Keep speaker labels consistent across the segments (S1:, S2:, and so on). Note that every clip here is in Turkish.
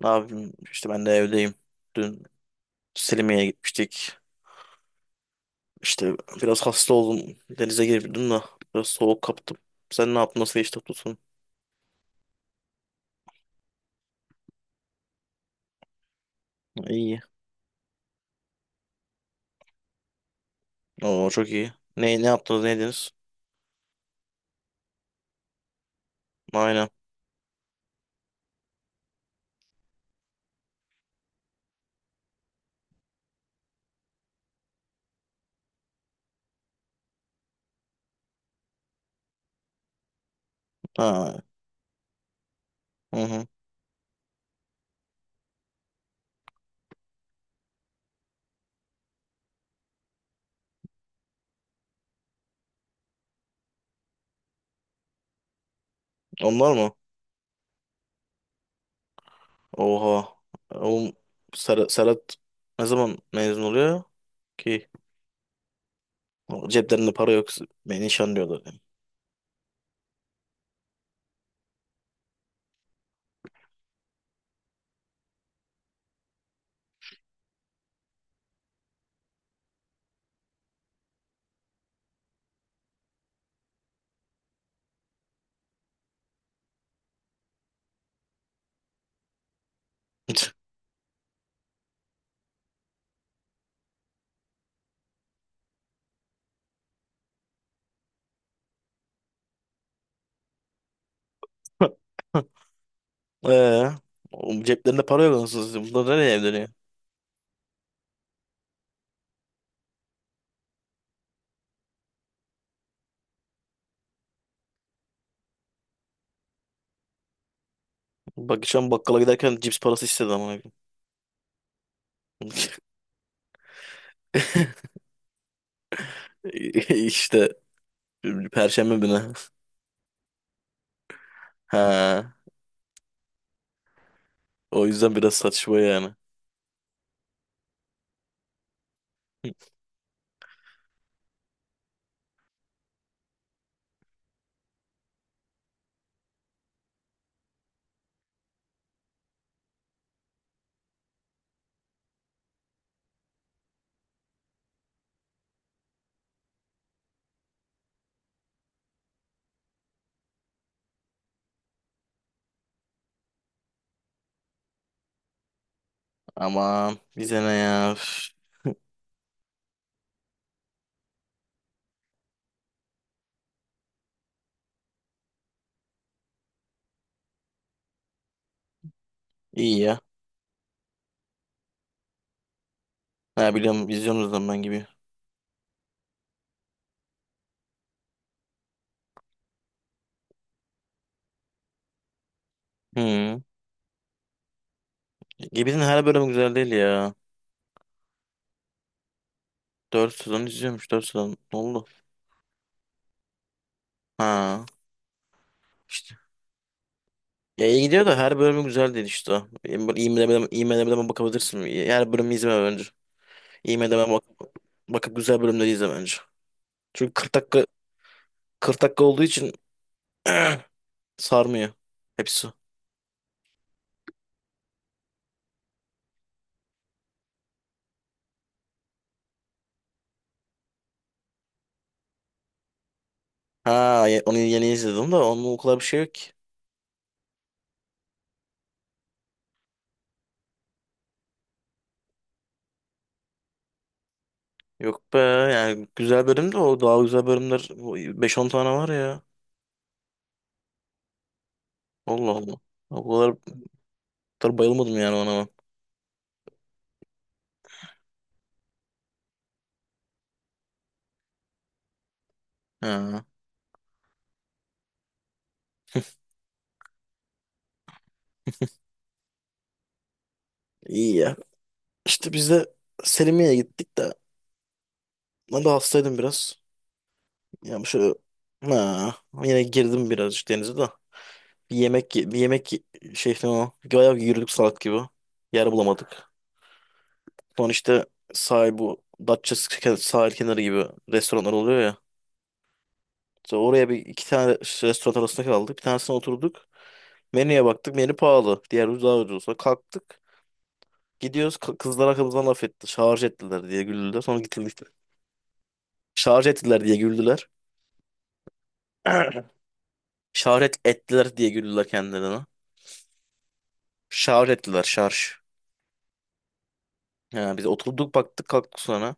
S1: Ne yapayım? İşte ben de evdeyim. Dün Selimiye'ye gitmiştik. İşte biraz hasta oldum. Denize girdim de biraz soğuk kaptım. Sen ne yaptın? Nasıl geçti tutun? İyi. Oo çok iyi. Ne yaptınız? Ne yediniz? Aynen. Ha. Hı hı. Onlar mı? Oha. Oğlum Serhat ne zaman mezun oluyor ki? Ceplerinde para yok. Beni nişanlıyorlar. Eee? Oğlum ceplerinde para yok. Nasıl? Bunlar nereye evleniyor? Bak geçen bakkala giderken cips parası istedi ama. İşte Perşembe günü. Ha, o yüzden biraz saçma yani. Aman bize ne ya. Üf. İyi ya. Ha, biliyorum izliyorsunuz lan ben gibi. Hı. Gibi'nin her bölümü güzel değil ya. Dört sezon izliyormuş 4 sezon. Ne oldu? Ha. işte. Ya iyi gidiyor da her bölümü güzel değil işte. IMDb'den bakabilirsin. Her bölümü izleme bence. IMDb'den bakıp güzel bölümleri izle bence. Çünkü 40 dakika 40 dakika olduğu için sarmıyor hepsi. Ha onu yeni izledim de onun o kadar bir şey yok ki. Yok be yani güzel bölüm de o daha güzel bölümler o 5-10 tane var ya. Allah Allah. O kadar, o kadar bayılmadım yani ona. Ben. Ha, iyi ya. İşte biz de Selimiye'ye gittik de ben de hastaydım biraz. Ya bu şöyle ha, yine girdim birazcık denize de. Bir yemek ye- bir yemek ye- Şey o. Bayağı yürüdük salak gibi. Yer bulamadık. Sonra işte sahil bu Datça sahil kenarı gibi restoranlar oluyor ya. Sonra oraya bir iki tane restoran arasında kaldık. Bir tanesine oturduk. Menüye baktık. Menü pahalı. Diğer ucuz daha ucuz. Sonra kalktık. Gidiyoruz. Kızlar arkamızdan laf etti. Şarj ettiler diye güldüler. Sonra gittik. Şarj ettiler diye güldüler. Şarj ettiler diye güldüler kendilerine. Şarj ettiler. Şarj. He, biz oturduk baktık kalktık sonra.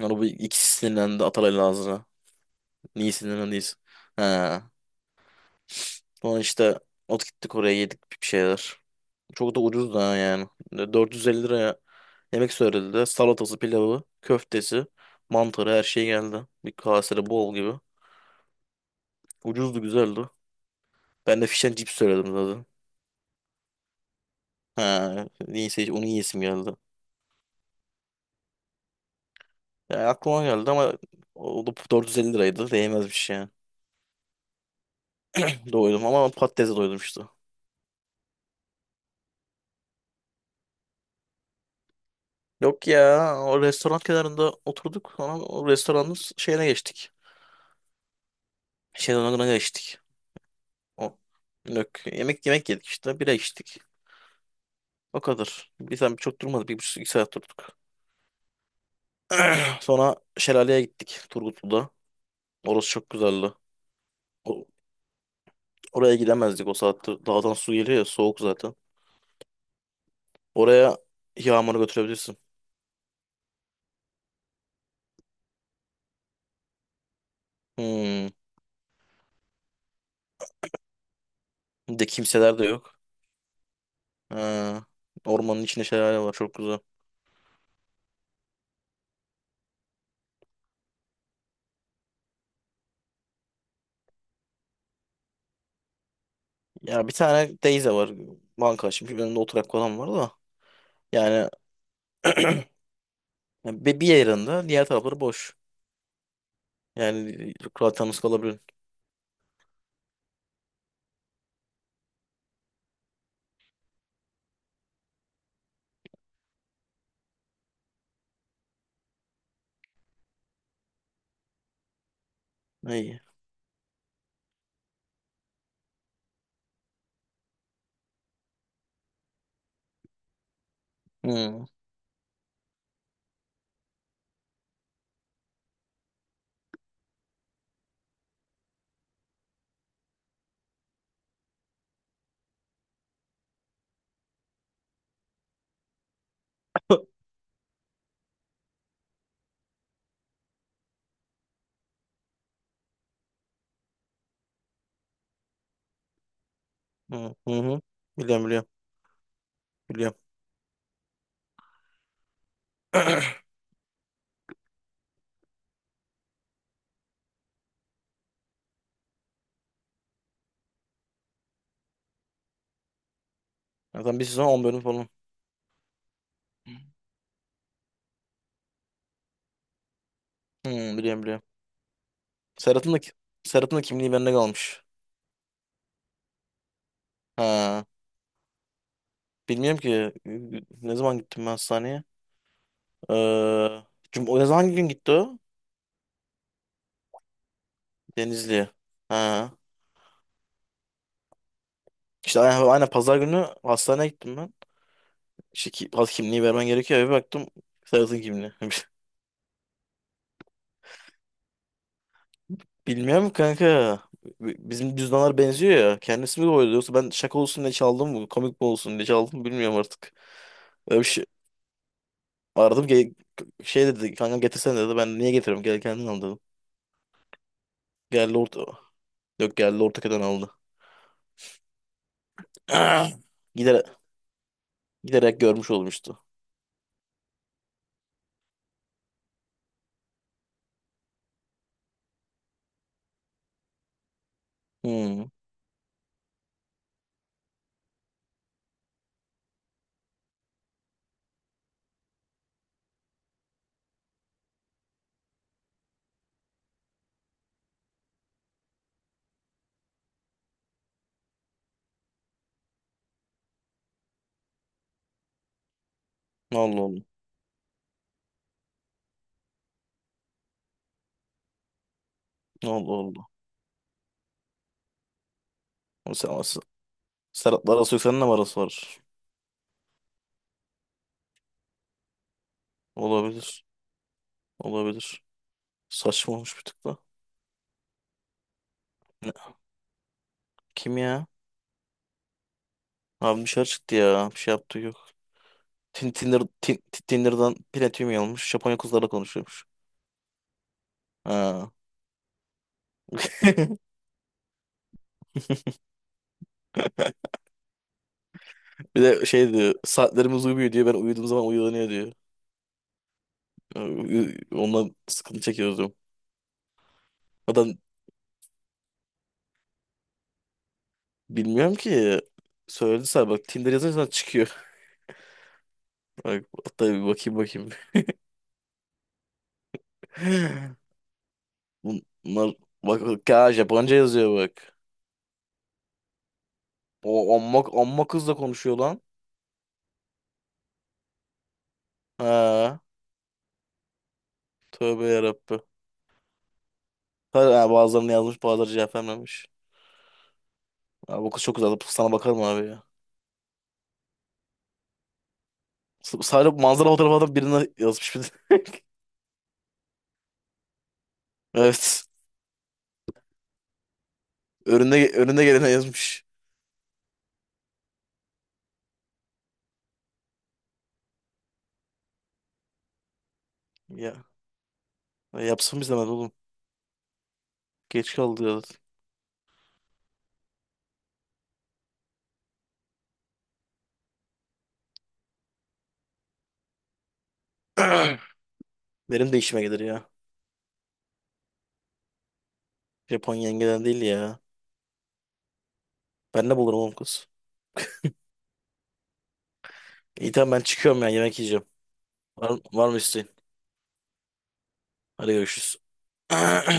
S1: Sonra bu ikisi sinirlendi Atalay'la ağzına. Niye sinirlendiyiz? He. Sonra işte gittik oraya yedik bir şeyler. Çok da ucuz da ha yani. 450 liraya yemek söylediler. Salatası, pilavı, köftesi, mantarı her şey geldi. Bir kasede bol gibi. Ucuzdu güzeldi. Ben de fish and chips söyledim zaten. He. Neyse onu yiyesim geldi. Yani aklıma geldi ama o da 450 liraydı. Değmezmiş yani. Doydum ama patatese doydum işte. Yok ya o restoran kenarında oturduk sonra o restoranın şeyine geçtik. Şezlong'una geçtik. O. Yok. Yemek yedik işte bira içtik. O kadar. Bir saat çok durmadı. Bir buçuk iki saat durduk. Sonra şelaleye gittik Turgutlu'da. Orası çok güzeldi. O- oraya gidemezdik o saatte. Dağdan su geliyor ya soğuk zaten. Oraya yağmuru götürebilirsin. Hmm. Bir de kimseler de yok. Ha. Ormanın içinde şelale var çok güzel. Ya bir tane teyze var. Banka açmış. Önünde oturak falan var da. Yani bir yerinde diğer tarafları boş. Yani rahat yalnız kalabilir. İyi. Hmm. Hı hı. Hı. Biliyorum biliyorum. Biliyorum. Zaten bir sezon 10 bölüm falan. Hmm, biliyorum biliyorum. Serhat'ın da, Serhat'ın da kimliği bende kalmış. Ha. Bilmiyorum ki ne zaman gittim ben hastaneye. Ee, cum o ne zaman hangi gün gitti o? Denizli'ye. Ha. İşte aynen, aynen pazar günü hastaneye gittim. İşte ki, al, kimliği vermen gerekiyor. Bir baktım Serhat'ın kimliği. Bilmiyorum kanka. Bizim cüzdanlar benziyor ya. Kendisi mi koydu yoksa ben şaka olsun diye çaldım mı? Komik mi olsun diye çaldım mı bilmiyorum artık. Öyle bir şey aradım. Şey dedi kanka, getirsene dedi. Ben niye getiriyorum? Gel kendin al dedim. Geldi orta. Yok, geldi ortaka'dan aldı. Ah! Gider, giderek görmüş olmuştu. Hmm. Ne oldu oldu. Ne oldu oldu. Ama Sen, ama sen- Serhat'la arası yok. Seninle mi arası var? Olabilir. Olabilir. Saçma olmuş bir tık da. Kim ya? Abi dışarı çıktı ya. Bir şey yaptığı yok. Tin- Tinder, tin, Tinder'dan platinum almış. Japonya kızlarla konuşuyormuş. Ha. Bir de şey diyor. Saatlerimiz uyumuyor diyor. Ben uyuduğum zaman uyanıyor diyor. Ondan sıkıntı çekiyoruz diyorum. Adam Bilmiyorum ki. Söyledi sana bak. Tinder yazınca çıkıyor. Bak, hatta bir bakayım. Bunlar bak, bak ya Japonca yazıyor bak. O amma kızla konuşuyor lan. Ha. Tövbe yarabbim. Ha, bazılarını yazmış bazıları cevap vermemiş. Abi bu kız çok güzel. Sana bakarım abi ya. Sadece manzara fotoğrafı da birine yazmış bir de. Evet. Önüne gelene yazmış. Ya. Ya yapsın biz hemen oğlum. Geç kaldı ya. Benim de işime gelir ya. Japon yengeden değil ya. Ben ne bulurum oğlum kız. İyi tamam ben çıkıyorum ya yemek yiyeceğim. Var mı isteğin? Hadi görüşürüz.